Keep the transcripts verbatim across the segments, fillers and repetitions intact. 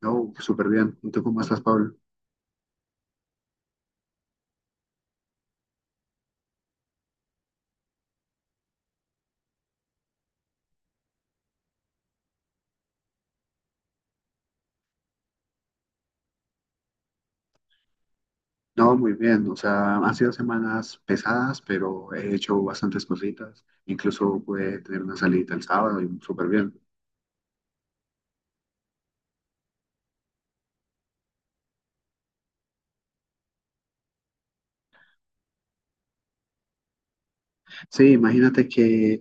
No, súper bien. ¿Y tú cómo estás, Pablo? No, muy bien. O sea, han sido semanas pesadas, pero he hecho bastantes cositas. Incluso pude tener una salida el sábado y súper bien. Sí, imagínate que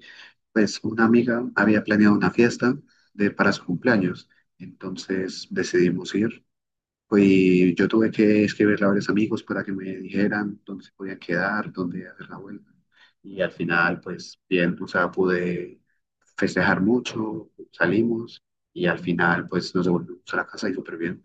pues una amiga había planeado una fiesta de, para su cumpleaños. Entonces decidimos ir. Pues yo tuve que escribirle a varios amigos para que me dijeran dónde se podía quedar, dónde hacer la vuelta. Y al final, pues bien, o sea, pude festejar mucho, salimos y al final, pues nos devolvimos a la casa y súper bien.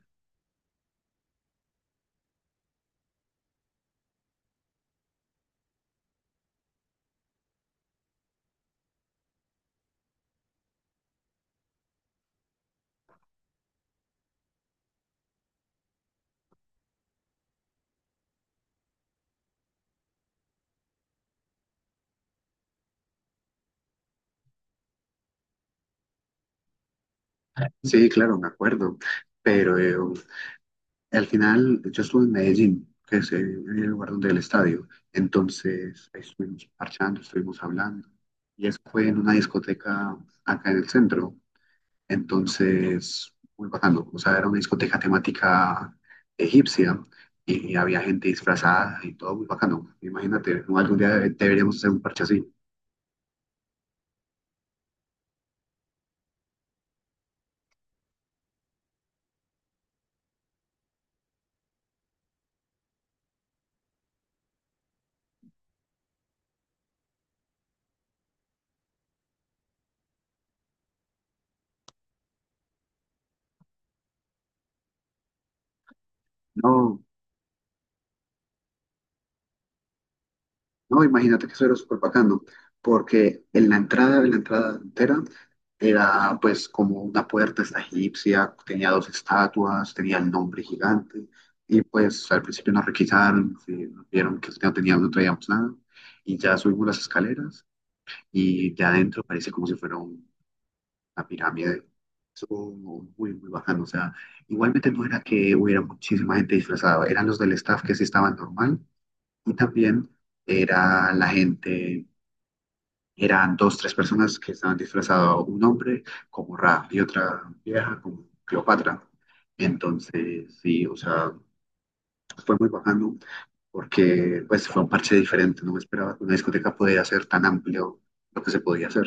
Sí, claro, me acuerdo, pero eh, al final yo estuve en Medellín, que es eh, el lugar donde el estadio. Entonces ahí estuvimos parchando, estuvimos hablando. Y eso fue en una discoteca acá en el centro. Entonces, muy bacano. O sea, era una discoteca temática egipcia y había gente disfrazada y todo muy bacano. Imagínate, ¿no? Algún día deberíamos hacer un parche así. No, no, imagínate que eso era súper bacano, porque en la entrada, en la entrada entera, era pues como una puerta esta egipcia, tenía dos estatuas, tenía el nombre gigante. Y pues al principio nos requisaron, sí, nos vieron que no teníamos, no traíamos nada. Y ya subimos las escaleras y de adentro parece como si fuera un- una pirámide. Estuvo muy, muy bajando. O sea, igualmente no era que hubiera muchísima gente disfrazada, eran los del staff que sí estaban normal y también era la gente, eran dos, tres personas que estaban disfrazados, un hombre como Ra y otra vieja como Cleopatra. Entonces, sí, o sea, fue muy bajando porque pues fue un parche diferente, no me esperaba que una discoteca podía ser tan amplio lo que se podía hacer.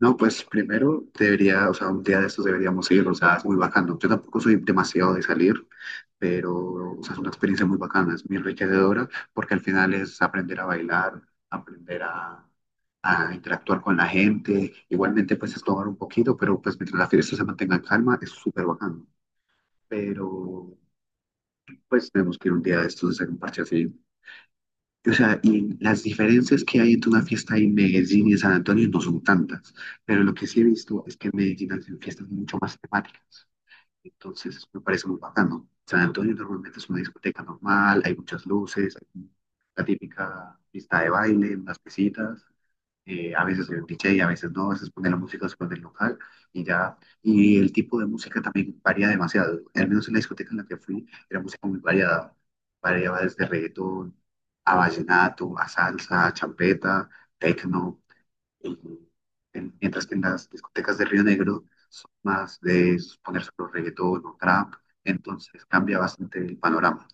No, pues primero debería, o sea, un día de estos deberíamos ir, o sea, es muy bacano. Yo tampoco soy demasiado de salir, pero, o sea, es una experiencia muy bacana, es muy enriquecedora, porque al final es aprender a bailar, aprender a, a interactuar con la gente. Igualmente, pues es tomar un poquito, pero pues mientras la fiesta se mantenga en calma, es súper bacano. Pero, pues tenemos que ir un día de estos a hacer un parche así. O sea, y las diferencias que hay entre una fiesta en Medellín y en San Antonio no son tantas, pero lo que sí he visto es que en Medellín hacen fiestas mucho más temáticas, entonces me parece muy bacano. San Antonio normalmente es una discoteca normal, hay muchas luces, hay la típica pista de baile, unas mesitas, eh, a veces soy un D J, a veces no, a veces ponen la música después del local y ya. Y el tipo de música también varía demasiado. Al menos en la discoteca en la que fui, era música muy variada. Variaba desde reggaetón a vallenato, a salsa, a champeta, tecno. Y- en- Mientras que en las discotecas de Río Negro son más de poner solo reggaetón o trap. Entonces cambia bastante el panorama.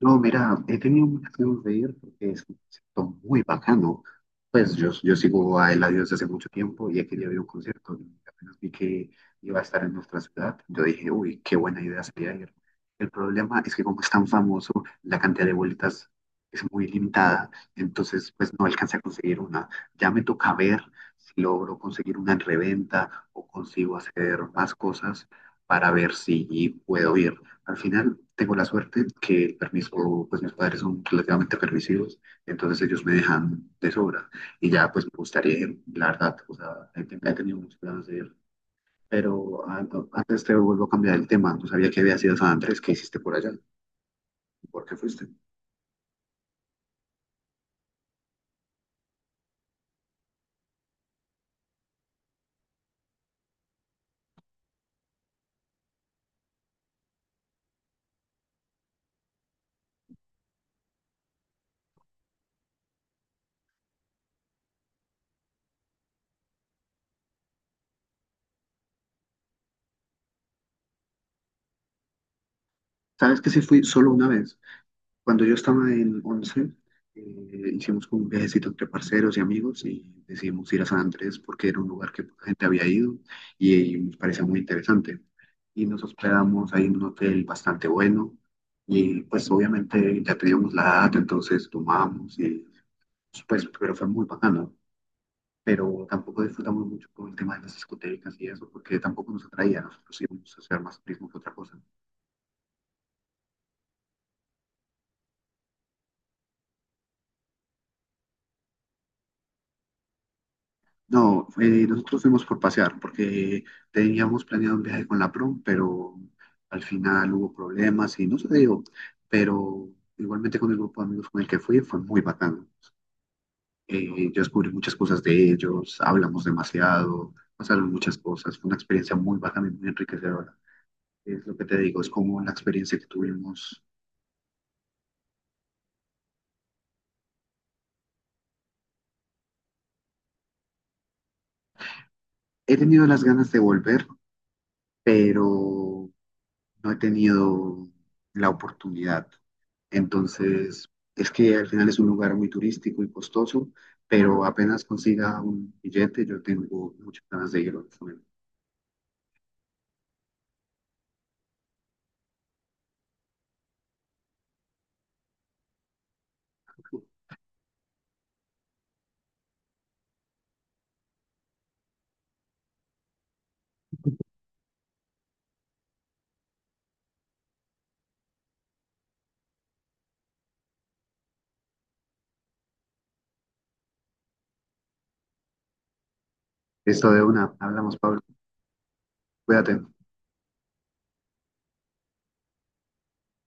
No, mira, he tenido muchas ganas de ir porque es un concierto muy bacano. Pues yo, yo sigo a Eladio desde hace mucho tiempo y aquel día vi un concierto y apenas vi que iba a estar en nuestra ciudad. Yo dije, uy, qué buena idea sería ir. El problema es que como es tan famoso, la cantidad de vueltas es muy limitada, entonces pues no alcancé a conseguir una. Ya me toca ver si logro conseguir una en reventa o consigo hacer más cosas para ver si puedo ir. Al final tengo la suerte que el permiso, pues mis padres son relativamente permisivos, entonces ellos me dejan de sobra. Y ya pues me gustaría, la verdad, o sea, he ten- he tenido muchos planes de ir. Pero ah, no, antes te vuelvo a cambiar el tema, no sabía que había sido San Andrés, ¿qué hiciste por allá? ¿Por qué fuiste? ¿Sabes que sí fui solo una vez? Cuando yo estaba en once, eh, hicimos como un viajecito entre parceros y amigos y decidimos ir a San Andrés porque era un lugar que poca gente había ido y, y nos parecía muy interesante. Y nos hospedamos ahí en un hotel bastante bueno y pues obviamente ya teníamos la edad, entonces tomamos y pues pero fue muy bacano. Pero tampoco disfrutamos mucho con el tema de las discotecas y eso porque tampoco nos atraía, nosotros íbamos a hacer más turismo que otra cosa. No, eh, nosotros fuimos por pasear porque teníamos planeado un viaje con la prom, pero al final hubo problemas y no se dio. Pero igualmente con el grupo de amigos con el que fui fue muy bacano. Eh, yo descubrí muchas cosas de ellos, hablamos demasiado, pasaron muchas cosas. Fue una experiencia muy bacana y muy enriquecedora. Es lo que te digo, es como la experiencia que tuvimos. He tenido las ganas de volver, pero no he tenido la oportunidad. Entonces, es que al final es un lugar muy turístico y costoso, pero apenas consiga un billete, yo tengo muchas ganas de ir, honestamente. Listo, de una, hablamos, Pablo, cuídate.